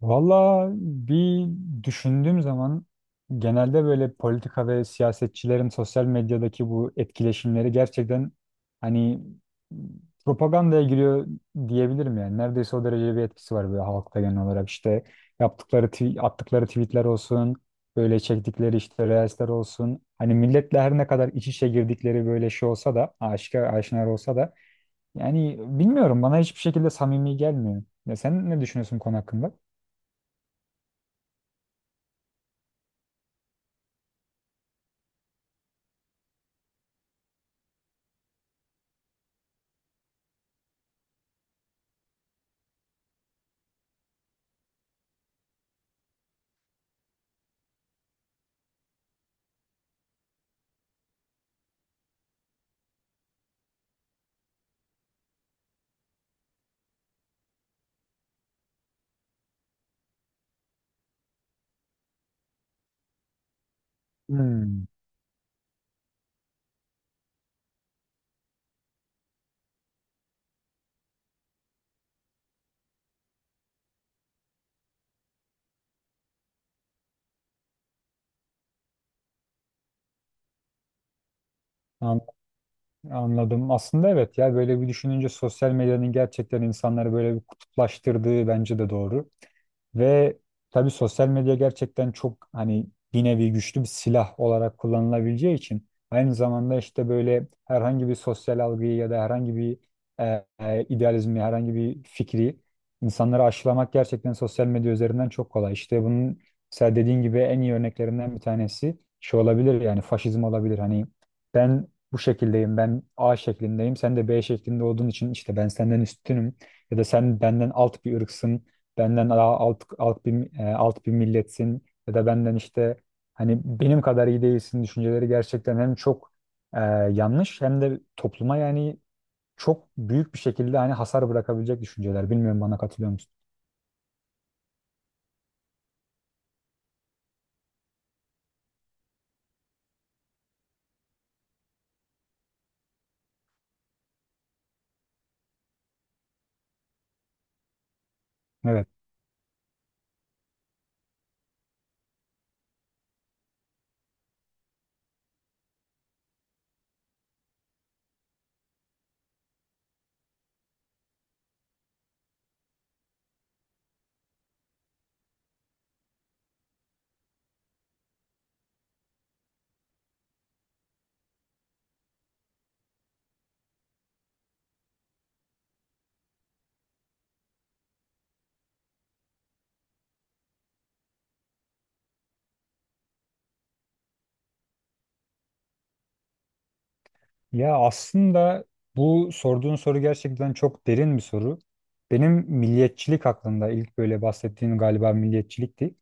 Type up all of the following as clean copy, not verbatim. Valla bir düşündüğüm zaman genelde böyle politika ve siyasetçilerin sosyal medyadaki bu etkileşimleri gerçekten hani propagandaya giriyor diyebilirim yani. Neredeyse o derece bir etkisi var böyle halkta genel olarak. İşte yaptıkları, attıkları tweetler olsun, böyle çektikleri işte reelsler olsun. Hani milletle her ne kadar iç içe girdikleri böyle şey olsa da, aşikar aşinar olsa da yani bilmiyorum bana hiçbir şekilde samimi gelmiyor. Ya sen ne düşünüyorsun bu konu hakkında? Hmm. an- Anladım. Aslında evet ya böyle bir düşününce sosyal medyanın gerçekten insanları böyle bir kutuplaştırdığı bence de doğru. Ve tabii sosyal medya gerçekten çok hani bir nevi güçlü bir silah olarak kullanılabileceği için aynı zamanda işte böyle herhangi bir sosyal algıyı ya da herhangi bir idealizmi, herhangi bir fikri insanları aşılamak gerçekten sosyal medya üzerinden çok kolay. İşte bunun mesela dediğin gibi en iyi örneklerinden bir tanesi şey olabilir yani faşizm olabilir. Hani ben bu şekildeyim, ben A şeklindeyim, sen de B şeklinde olduğun için işte ben senden üstünüm ya da sen benden alt bir ırksın, benden daha alt, alt bir milletsin ya da benden işte hani benim kadar iyi değilsin düşünceleri gerçekten hem çok e, yanlış hem de topluma yani çok büyük bir şekilde hani hasar bırakabilecek düşünceler. Bilmiyorum bana katılıyor musun? Evet. Ya aslında bu sorduğun soru gerçekten çok derin bir soru. Benim milliyetçilik hakkında ilk böyle bahsettiğim galiba milliyetçilikti.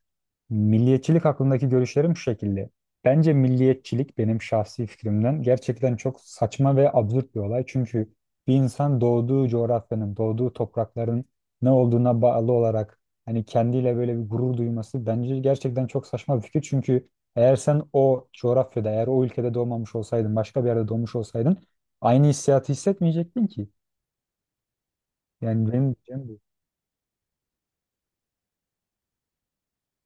Milliyetçilik hakkındaki görüşlerim şu şekilde. Bence milliyetçilik benim şahsi fikrimden gerçekten çok saçma ve absürt bir olay. Çünkü bir insan doğduğu coğrafyanın, doğduğu toprakların ne olduğuna bağlı olarak hani kendiyle böyle bir gurur duyması bence gerçekten çok saçma bir fikir. Çünkü eğer sen o coğrafyada, eğer o ülkede doğmamış olsaydın, başka bir yerde doğmuş olsaydın aynı hissiyatı hissetmeyecektin ki. Yani benim diyeceğim bu.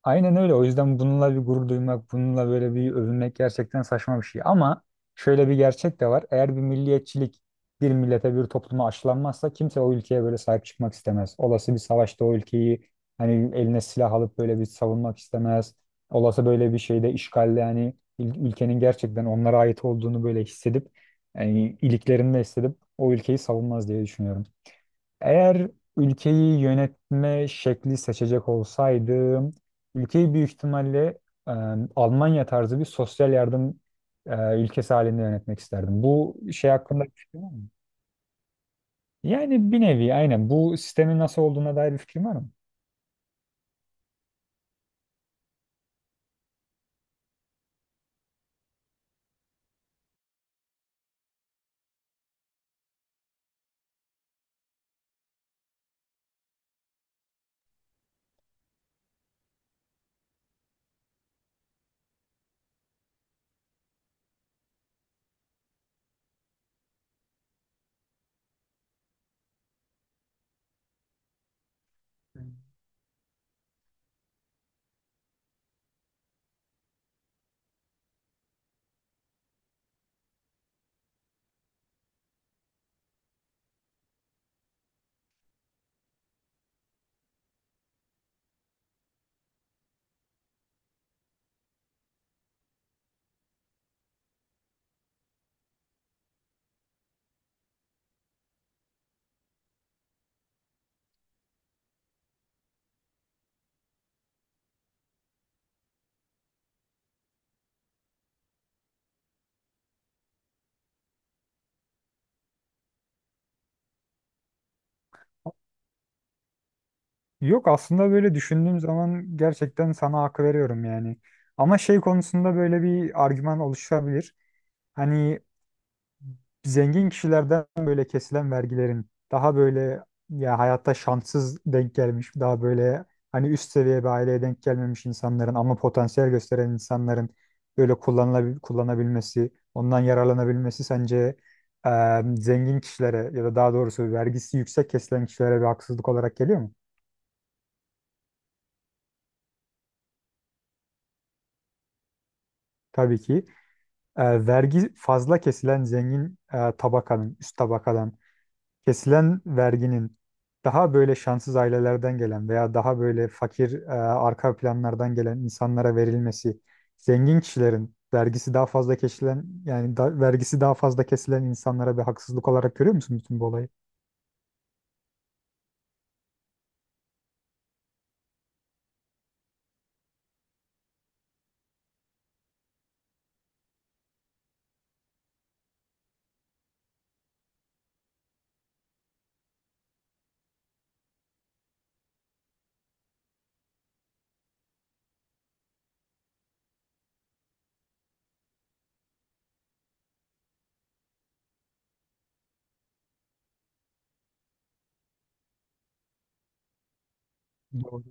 Aynen öyle. O yüzden bununla bir gurur duymak, bununla böyle bir övünmek gerçekten saçma bir şey. Ama şöyle bir gerçek de var. Eğer bir milliyetçilik bir millete, bir topluma aşılanmazsa kimse o ülkeye böyle sahip çıkmak istemez. Olası bir savaşta o ülkeyi hani eline silah alıp böyle bir savunmak istemez. Olası böyle bir şeyde işgalle hani ülkenin gerçekten onlara ait olduğunu böyle hissedip yani iliklerinde hissedip o ülkeyi savunmaz diye düşünüyorum. Eğer ülkeyi yönetme şekli seçecek olsaydım, ülkeyi büyük ihtimalle e, Almanya tarzı bir sosyal yardım ülkesi halinde yönetmek isterdim. Bu şey hakkında bir fikrin var mı? Yani bir nevi aynen bu sistemin nasıl olduğuna dair bir fikrim var mı? Yok aslında böyle düşündüğüm zaman gerçekten sana hak veriyorum yani. Ama şey konusunda böyle bir argüman oluşabilir. Hani zengin kişilerden böyle kesilen vergilerin daha böyle ya hayatta şanssız denk gelmiş, daha böyle hani üst seviye bir aileye denk gelmemiş insanların ama potansiyel gösteren insanların böyle kullanabilmesi, ondan yararlanabilmesi sence zengin kişilere ya da daha doğrusu vergisi yüksek kesilen kişilere bir haksızlık olarak geliyor mu? Tabii ki. Vergi fazla kesilen zengin tabakanın, üst tabakadan kesilen verginin daha böyle şanssız ailelerden gelen veya daha böyle fakir arka planlardan gelen insanlara verilmesi, zengin kişilerin vergisi daha fazla kesilen vergisi daha fazla kesilen insanlara bir haksızlık olarak görüyor musun bütün bu olayı? Doğru.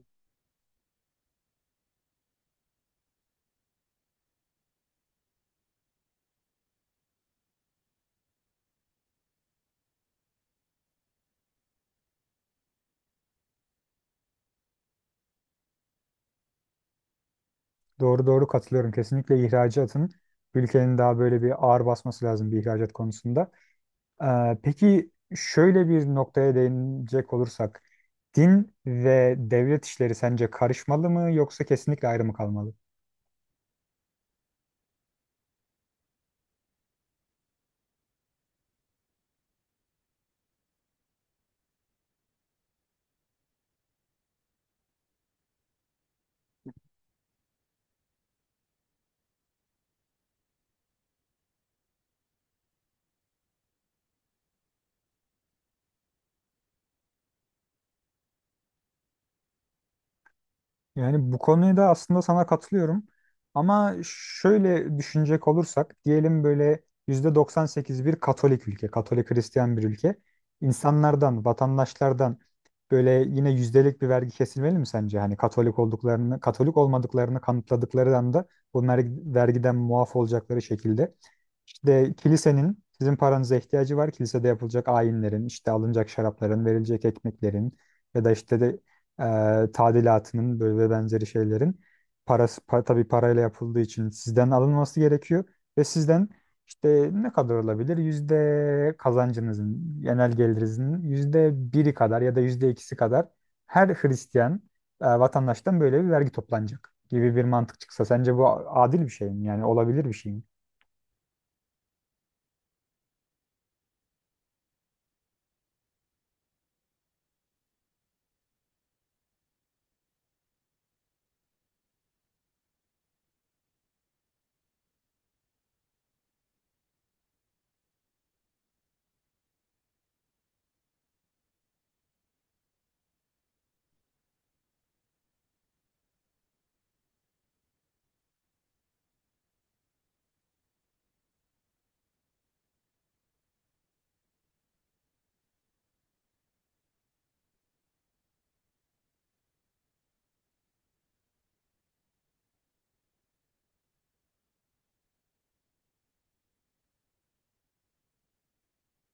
Doğru doğru katılıyorum. Kesinlikle ihracatın ülkenin daha böyle bir ağır basması lazım bir ihracat konusunda. Peki şöyle bir noktaya değinecek olursak din ve devlet işleri sence karışmalı mı yoksa kesinlikle ayrı mı kalmalı? Yani bu konuda aslında sana katılıyorum. Ama şöyle düşünecek olursak diyelim böyle %98 bir Katolik ülke, Katolik Hristiyan bir ülke. İnsanlardan, vatandaşlardan böyle yine yüzdelik bir vergi kesilmeli mi sence? Hani Katolik olduklarını, Katolik olmadıklarını kanıtladıkları anda bunlar vergiden muaf olacakları şekilde. İşte kilisenin sizin paranıza ihtiyacı var. Kilisede yapılacak ayinlerin, işte alınacak şarapların, verilecek ekmeklerin ya da tadilatının böyle ve benzeri şeylerin tabii parayla yapıldığı için sizden alınması gerekiyor ve sizden işte ne kadar olabilir? Yüzde kazancınızın, genel gelirinizin yüzde biri kadar ya da yüzde ikisi kadar her Hristiyan vatandaştan böyle bir vergi toplanacak gibi bir mantık çıksa sence bu adil bir şey mi? Yani olabilir bir şey mi?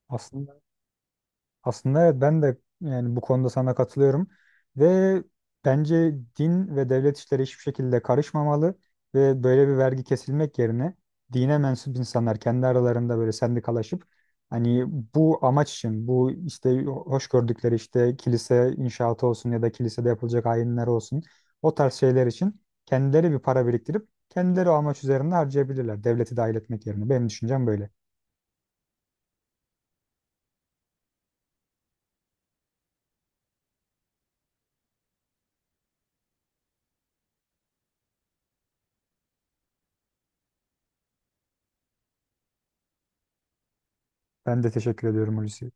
Aslında Aslında evet ben de yani bu konuda sana katılıyorum ve bence din ve devlet işleri hiçbir şekilde karışmamalı ve böyle bir vergi kesilmek yerine dine mensup insanlar kendi aralarında böyle sendikalaşıp hani bu amaç için bu işte hoş gördükleri işte kilise inşaatı olsun ya da kilisede yapılacak ayinler olsun o tarz şeyler için kendileri bir para biriktirip kendileri o amaç üzerinde harcayabilirler devleti dahil etmek yerine. Benim düşüncem böyle. Ben de teşekkür ediyorum Hulusi.